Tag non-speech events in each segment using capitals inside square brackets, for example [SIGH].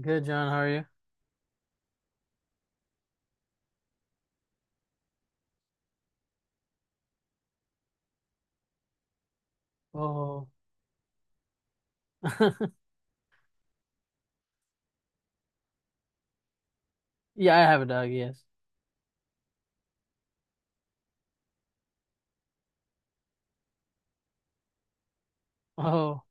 Good, John. How are you? Oh, [LAUGHS] yeah, I have a dog. Yes. Oh,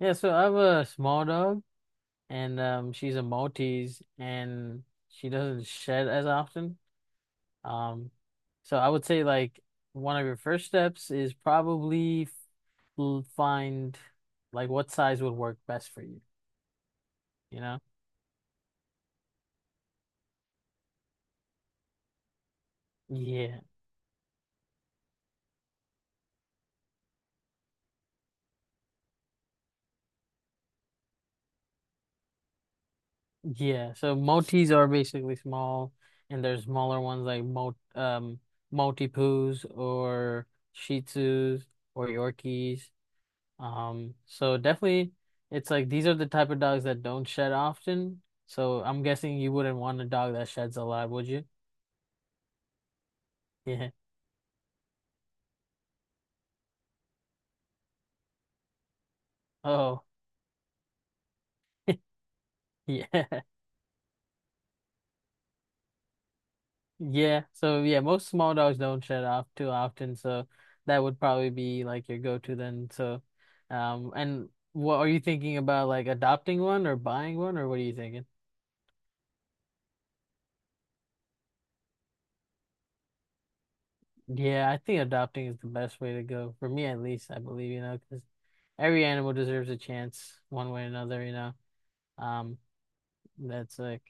yeah. So I have a small dog, and she's a Maltese, and she doesn't shed as often. Um, so I would say like one of your first steps is probably find like what size would work best for you. You know? Yeah. Yeah, so motis are basically small, and there's smaller ones like mo Maltipoos or Shih Tzus or Yorkies. So definitely, it's like these are the type of dogs that don't shed often. So I'm guessing you wouldn't want a dog that sheds a lot, would you? Yeah. Oh, [LAUGHS] yeah. Yeah, so yeah, most small dogs don't shed off too often, so that would probably be like your go-to then. So, and what are you thinking about like adopting one or buying one or what are you thinking? Yeah, I think adopting is the best way to go for me at least, I believe, you know, because every animal deserves a chance one way or another, you know. Um, that's like,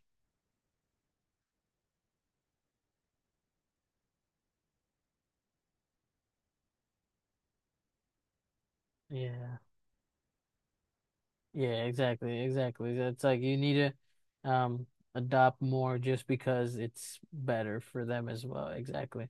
yeah, yeah, exactly, exactly. That's like you need to adopt more just because it's better for them as well. Exactly.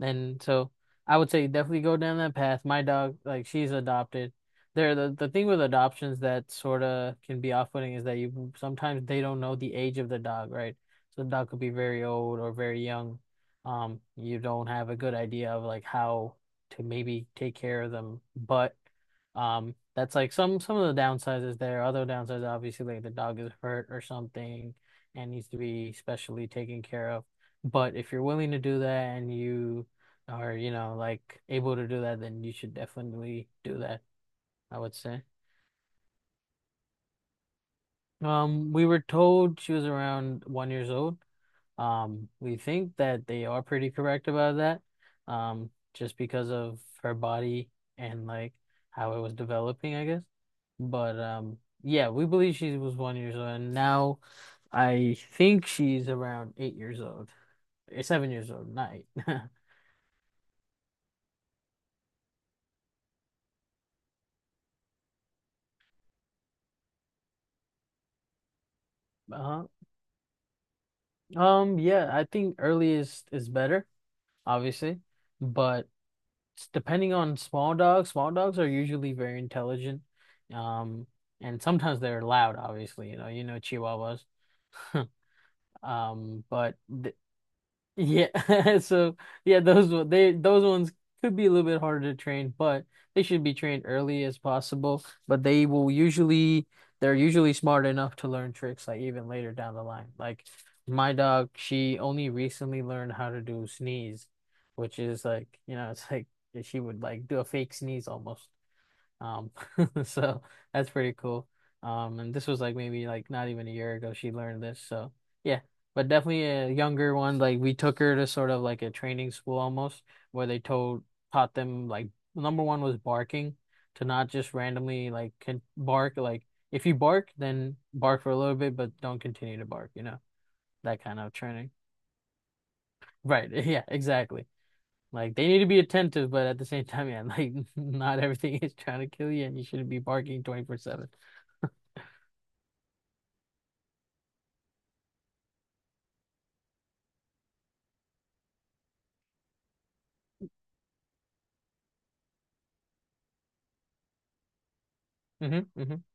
And so I would say definitely go down that path. My dog, like she's adopted. The thing with adoptions that sort of can be off-putting is that you sometimes they don't know the age of the dog, right? So the dog could be very old or very young. You don't have a good idea of like how to maybe take care of them. But that's like some of the downsides is there. Other downsides, obviously, like the dog is hurt or something and needs to be specially taken care of. But if you're willing to do that and you or you know like able to do that, then you should definitely do that, I would say. We were told she was around 1 year old. We think that they are pretty correct about that. Just because of her body and like how it was developing, I guess. But yeah, we believe she was 1 year old, and now I think she's around 8 years old, or 7 years old, not eight. [LAUGHS] Uh-huh. Yeah, I think earliest is better. Obviously. But depending on small dogs are usually very intelligent. Um, and sometimes they're loud, obviously, you know Chihuahuas. [LAUGHS] But th yeah, [LAUGHS] so yeah, they those ones could be a little bit harder to train, but they should be trained early as possible. But they will usually they're usually smart enough to learn tricks like even later down the line. Like my dog, she only recently learned how to do sneeze, which is like, you know, it's like she would like do a fake sneeze almost. Um, [LAUGHS] so that's pretty cool. And this was like maybe like not even a year ago she learned this. So yeah, but definitely a younger one. Like we took her to sort of like a training school almost where they told taught them like number one was barking to not just randomly like can bark. Like if you bark, then bark for a little bit, but don't continue to bark, you know, that kind of training. Right. [LAUGHS] Yeah, exactly. Like they need to be attentive, but at the same time, yeah, like [LAUGHS] not everything is trying to kill you, and you shouldn't be barking 24/7. hmm hmm [LAUGHS]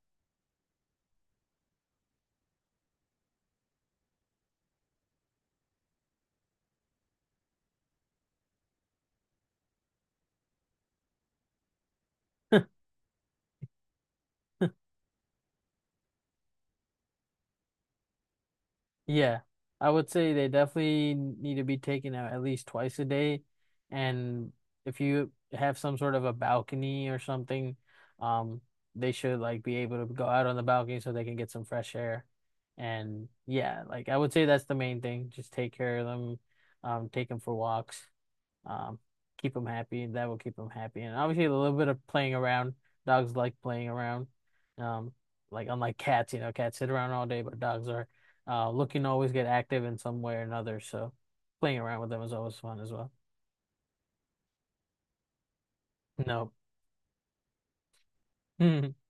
Yeah, I would say they definitely need to be taken out at least twice a day. And if you have some sort of a balcony or something, um, they should like be able to go out on the balcony so they can get some fresh air. And yeah, like I would say that's the main thing. Just take care of them, take them for walks um, keep them happy. That will keep them happy. And obviously, a little bit of playing around. Dogs like playing around. Um, like unlike cats, you know, cats sit around all day, but dogs are looking to always get active in some way or another. So playing around with them is always fun as well. No. [LAUGHS]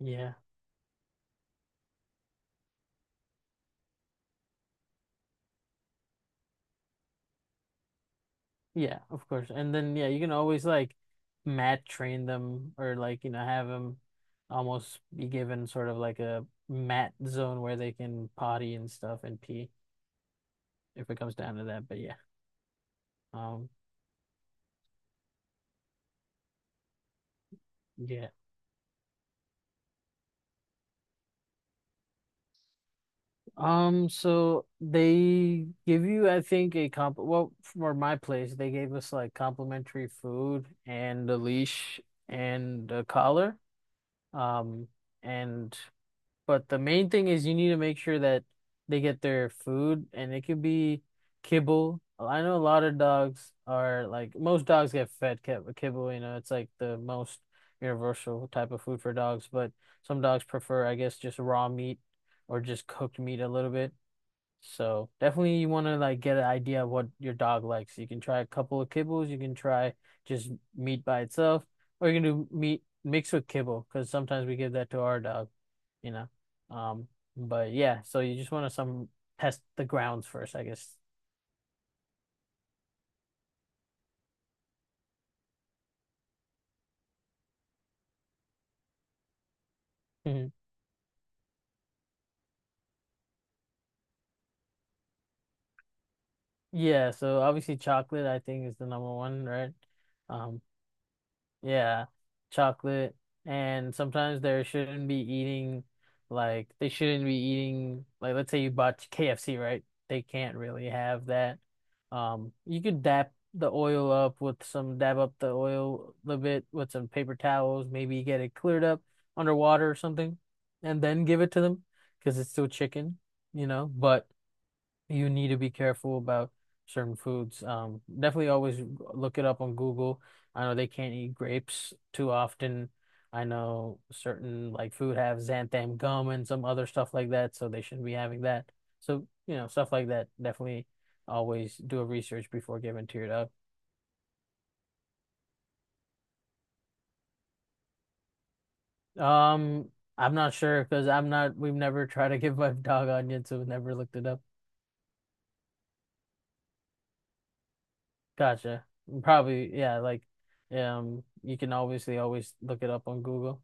Yeah. Yeah, of course. And then yeah, you can always like mat train them or like, you know, have them almost be given sort of like a mat zone where they can potty and stuff and pee if it comes down to that. But yeah. Um Yeah. So they give you, I think, a comp well, for my place, they gave us like complimentary food and a leash and a collar. Um, and But the main thing is you need to make sure that they get their food, and it could be kibble. I know a lot of dogs are like most dogs get fed kibble. You know, it's like the most universal type of food for dogs. But some dogs prefer, I guess, just raw meat or just cooked meat a little bit. So definitely you want to like get an idea of what your dog likes. You can try a couple of kibbles, you can try just meat by itself, or you can do meat mixed with kibble because sometimes we give that to our dog, you know. Um, but yeah, so you just want to some test the grounds first, I guess. Mhm. Yeah, so obviously chocolate I think is the number one, right? Um, Yeah, chocolate. And sometimes they shouldn't be eating, like, they shouldn't be eating, like, let's say you bought KFC, right? They can't really have that. You could dap the oil up with some, dab up the oil a little bit with some paper towels, maybe get it cleared up underwater or something, and then give it to them because it's still chicken, you know? But you need to be careful about certain foods. Definitely always look it up on Google. I know they can't eat grapes too often. I know certain like food have xanthan gum and some other stuff like that, so they shouldn't be having that. So, you know, stuff like that. Definitely always do a research before giving to your dog. Um, I'm not sure because I'm not, we've never tried to [LAUGHS] give my dog onions, so we've never looked it up. Gotcha. Probably, yeah, like, you can obviously always look it up on Google.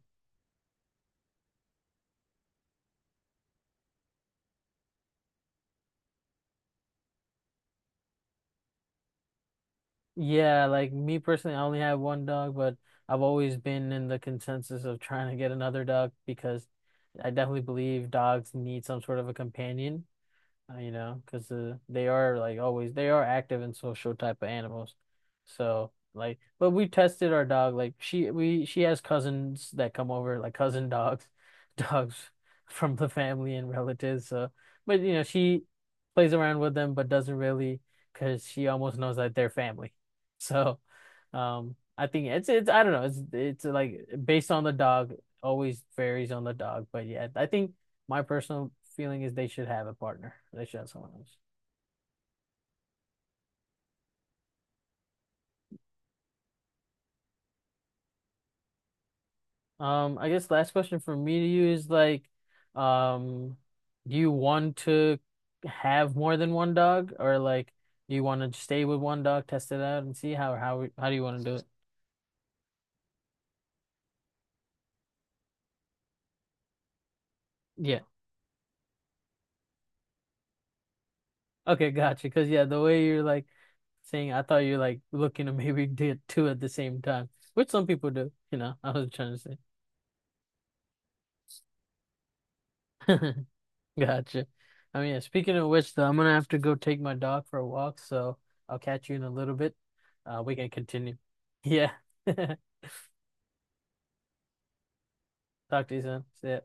Yeah, like me personally, I only have one dog, but I've always been in the consensus of trying to get another dog because I definitely believe dogs need some sort of a companion you know, because they are like always they are active and social type of animals. So like, but we tested our dog. Like she has cousins that come over, like cousin dogs, [LAUGHS] dogs from the family and relatives. So, but you know, she plays around with them, but doesn't really, because she almost knows that they're family. [LAUGHS] So, I think it's I don't know. It's like based on the dog, always varies on the dog. But yeah, I think my personal feeling is they should have a partner. They should have someone else. I guess last question from me to you is like, um, do you want to have more than one dog, or like, do you want to stay with one dog, test it out, and see how do you want to do it? Yeah. Okay, gotcha. Because yeah, the way you're like saying, I thought you're like looking to maybe [LAUGHS] do two at the same time, which some people do. You know, I was trying to say. [LAUGHS] Gotcha. I mean, yeah, speaking of which, though, I'm gonna have to go take my dog for a walk, so I'll catch you in a little bit. We can continue. Yeah. [LAUGHS] Talk to you soon. See ya.